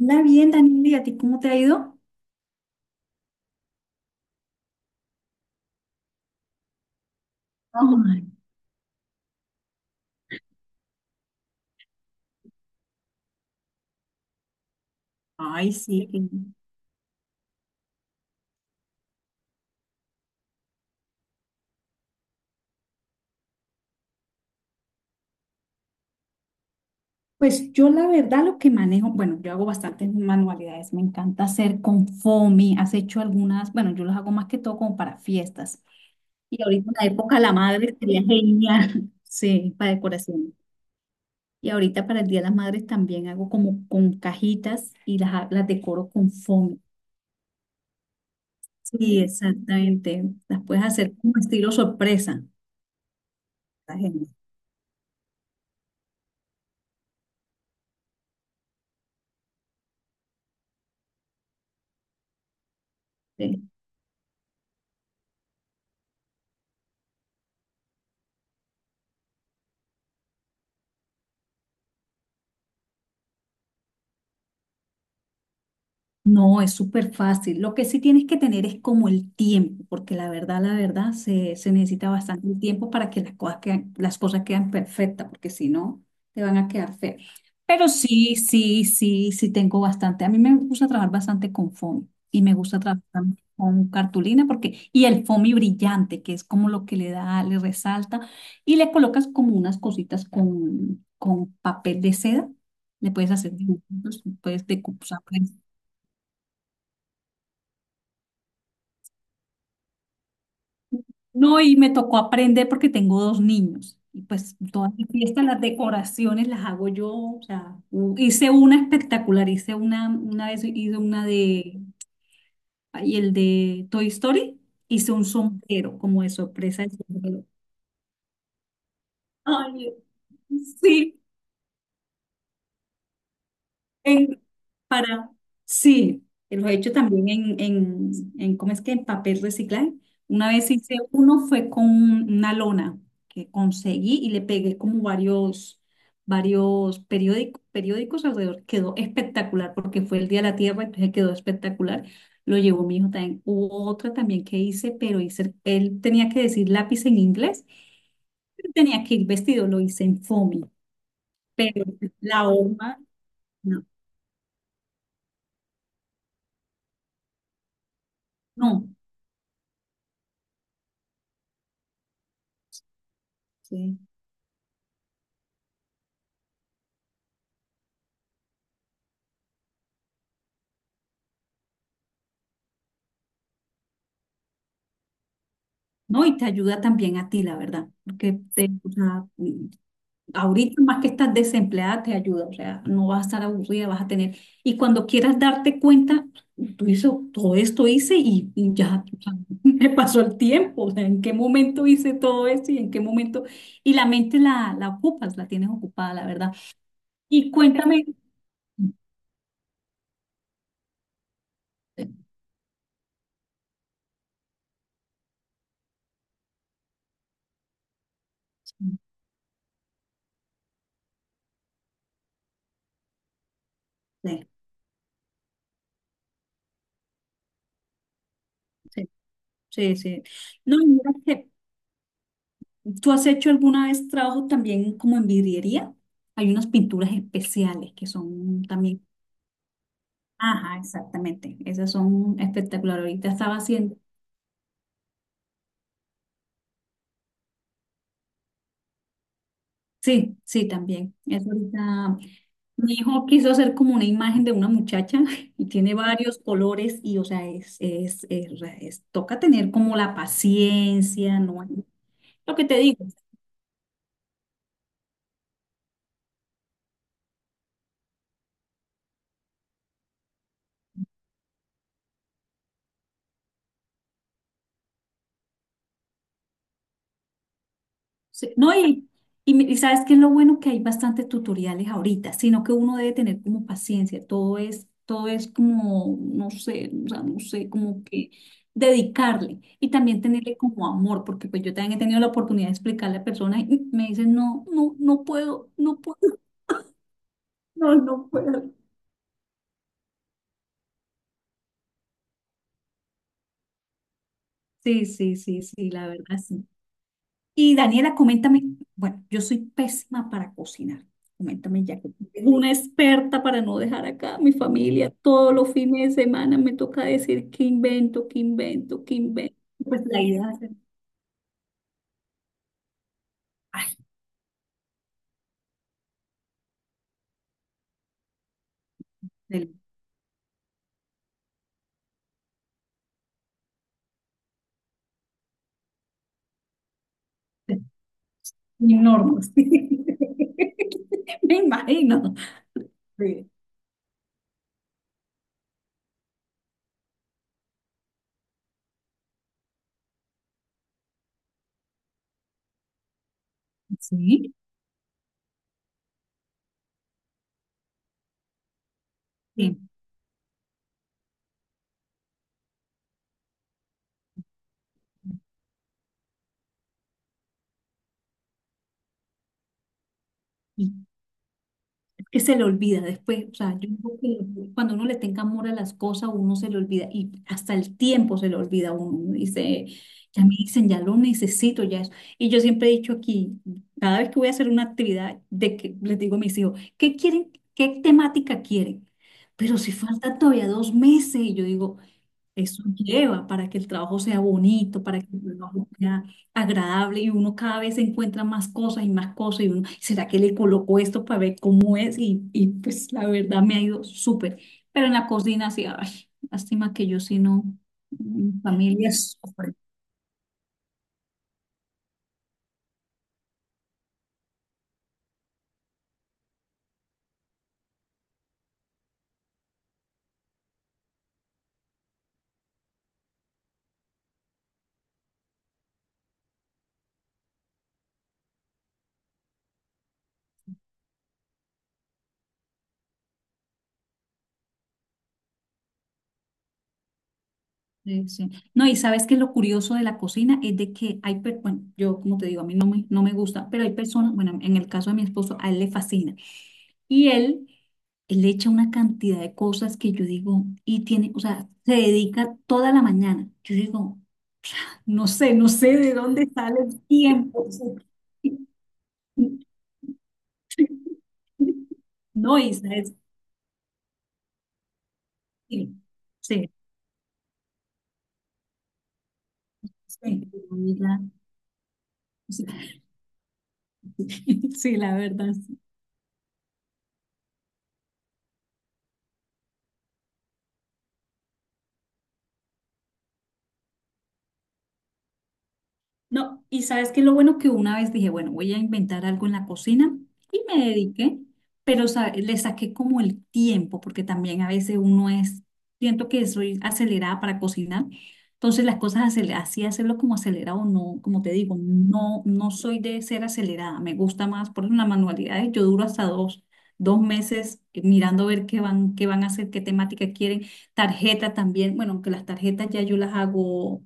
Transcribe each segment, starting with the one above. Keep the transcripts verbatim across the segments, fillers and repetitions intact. Hola, bien, Daniel, ¿y a ti cómo te ha ido? Ay, Ay, sí. que- Pues yo la verdad lo que manejo, bueno, yo hago bastantes manualidades, me encanta hacer con foamy, has hecho algunas, bueno, yo las hago más que todo como para fiestas. Y ahorita en la época de la madre sería genial, sí, para decoración. Y ahorita para el Día de las Madres también hago como con cajitas y las, ha- las decoro con foamy. Sí, exactamente, las puedes hacer como estilo sorpresa. Está genial. No, es súper fácil. Lo que sí tienes que tener es como el tiempo, porque la verdad, la verdad, se, se necesita bastante el tiempo para que las cosas quedan, las cosas quedan perfectas, porque si no, te van a quedar feas. Pero sí, sí, sí, sí tengo bastante. A mí me gusta trabajar bastante con foamy y me gusta trabajar también con cartulina porque, y el foamy brillante, que es como lo que le da, le resalta, y le colocas como unas cositas con, con papel de seda. Le puedes hacer dibujitos, puedes decupar. No, y me tocó aprender porque tengo dos niños. Y pues todas las fiestas, las decoraciones las hago yo. O sea, u- hice una espectacular, hice una, una vez hice una de, y el de Toy Story, hice un sombrero como de sorpresa de sombrero. Ay, sí. En, para, sí, lo he hecho también en, en, en, ¿cómo es que? En papel reciclable. Una vez hice uno, fue con una lona que conseguí y le pegué como varios, varios periódicos, periódicos alrededor. Quedó espectacular porque fue el Día de la Tierra, entonces quedó espectacular. Lo llevó mi hijo también. Hubo otra también que hice, pero hice, él tenía que decir lápiz en inglés, pero tenía que ir vestido, lo hice en foamy, pero la horma, no, no. Sí. ¿No? Y te ayuda también a ti, la verdad, porque te, o sea, mm, ahorita más que estás desempleada, te ayuda, o sea, no vas a estar aburrida, vas a tener, y cuando quieras darte cuenta, tú hice todo esto hice y, y ya, o sea, me pasó el tiempo, o sea, en qué momento hice todo esto y en qué momento, y la mente la, la ocupas, la tienes ocupada, la verdad. Y cuéntame, sí, sí, sí, sí. No, y mira que ¿tú has hecho alguna vez trabajo también como en vidriería? Hay unas pinturas especiales que son también. Ajá, exactamente. Esas son espectaculares. Ahorita estaba haciendo. Sí, sí, también. Eso ahorita. Mi hijo quiso hacer como una imagen de una muchacha y tiene varios colores y, o sea, es, es, es- es- toca tener como la paciencia, ¿no? Lo que te digo. Sí, no, y, y mi- y sabes que es lo bueno que hay bastantes tutoriales ahorita, sino que uno debe tener como paciencia, todo es, todo es como, no sé, o sea, no sé, como que dedicarle y también tenerle como amor, porque pues yo también he tenido la oportunidad de explicarle a personas y me dicen, no, no, no puedo, no puedo, no, no puedo. Sí, sí, sí, sí, la verdad, sí. Y Daniela, coméntame, bueno, yo soy pésima para cocinar. Coméntame ya que tú eres una experta para no dejar acá a mi familia. Todos los fines de semana me toca decir qué invento, qué invento, qué invento. Pues la idea es, ay, del, del, enorme. Sí. Me imagino. Sí. Sí. Sí. Que se le olvida después, o sea, yo creo que cuando uno le tenga amor a las cosas, uno se le olvida y hasta el tiempo se le olvida a uno. Uno dice, ya me dicen, ya lo necesito, ya eso. Y yo siempre he dicho aquí, cada vez que voy a hacer una actividad, de que les digo a mis hijos, ¿qué quieren? ¿Qué temática quieren? Pero si faltan todavía dos meses, y yo digo, eso lleva para que el trabajo sea bonito, para que el trabajo sea agradable y uno cada vez encuentra más cosas y más cosas y uno, ¿será que le coloco esto para ver cómo es? Y, y pues la verdad me ha ido súper. Pero en la cocina sí, ay, lástima que yo sí no, mi familia sufre. Sí, sí. No, y sabes que lo curioso de la cocina es de que hay, per- bueno, yo como te digo, a mí no me, no me gusta, pero hay personas, bueno, en el caso de mi esposo, a él le fascina. Y él… Él le echa una cantidad de cosas que yo digo, y tiene, o sea, se dedica toda la mañana. Yo digo, no sé, no sé de dónde sale el tiempo. No, Isa, es… Sí, sí, sí, amiga, sí, sí, la verdad, sí. No, y sabes que lo bueno que una vez dije, bueno, voy a inventar algo en la cocina y me dediqué, pero sa- le saqué como el tiempo, porque también a veces uno es, siento que soy acelerada para cocinar, entonces las cosas acele- así hacerlo como acelerado, no, como te digo, no, no soy de ser acelerada, me gusta más, por ejemplo, las manualidades, yo duro hasta dos, dos meses mirando ver qué van, qué van a hacer, qué temática quieren, tarjeta también, bueno, aunque las tarjetas ya yo las hago,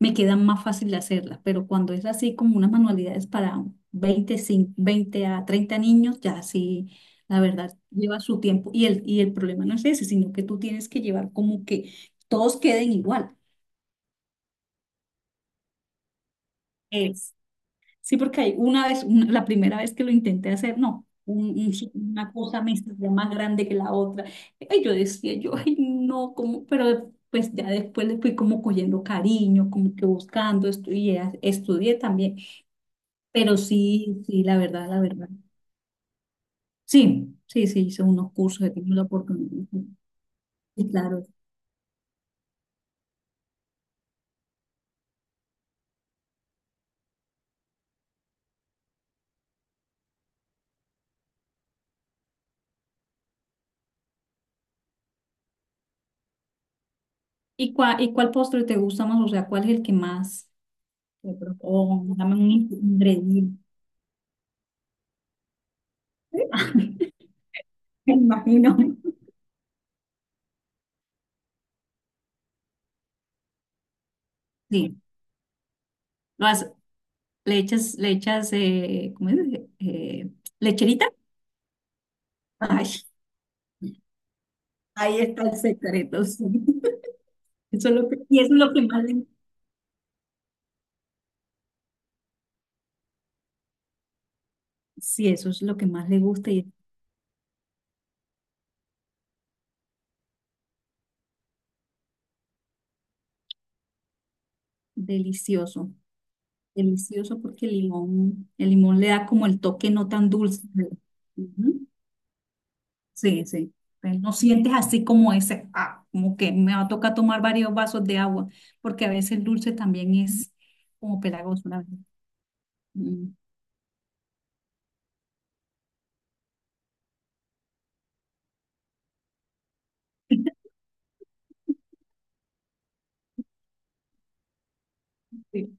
me queda más fácil hacerlas, pero cuando es así como unas manualidades para veinte cin- veinte a treinta niños, ya sí, la verdad, lleva su tiempo. Y el, y el problema no es ese, sino que tú tienes que llevar como que todos queden igual. Es. Sí, porque hay una vez, una- la primera vez que lo intenté hacer, no. Un- un- una cosa me salía más grande que la otra. Y yo decía, yo, ay, no, como, pero pues ya después le fui como cogiendo cariño, como que buscando, estu- y, eh, estudié también. Pero sí, sí, la verdad, la verdad. Sí, sí, sí, hice unos cursos, he tenido la oportunidad. Sí, sí, claro. ¿Y cuál, y cuál postre te gusta más? O sea, ¿cuál es el que más te O dame un ingrediente. Me imagino. Sí, lo has- le echas, le echas, eh, ¿cómo es? Eh, Lecherita. Ay, ahí está el secreto. Sí. Eso es lo que, y eso es lo que más le, sí, eso es lo que más le gusta y es delicioso. Delicioso porque el limón, el limón le da como el toque no tan dulce. Ujú. Sí, sí. Pero no sientes así como ese, ah, como que me va a tocar tomar varios vasos de agua, porque a veces el dulce también es como pelagoso, la verdad. Mm. Sí,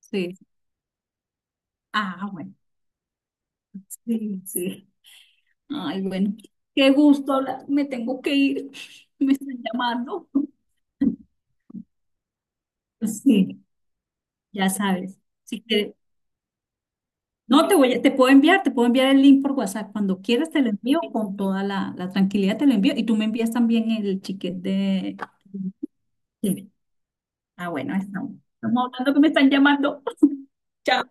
sí. Ah, bueno. Sí, sí. Ay, bueno. Qué gusto hablar. Me tengo que ir. Me están llamando. Sí, ya sabes. Si quieres. No, te voy, a- te puedo enviar, te puedo enviar el link por WhatsApp. Cuando quieras te lo envío con toda la, la tranquilidad, te lo envío. Y tú me envías también el chiquete de… Sí. Ah, bueno, ahí estamos, estamos hablando que me están llamando. Chao.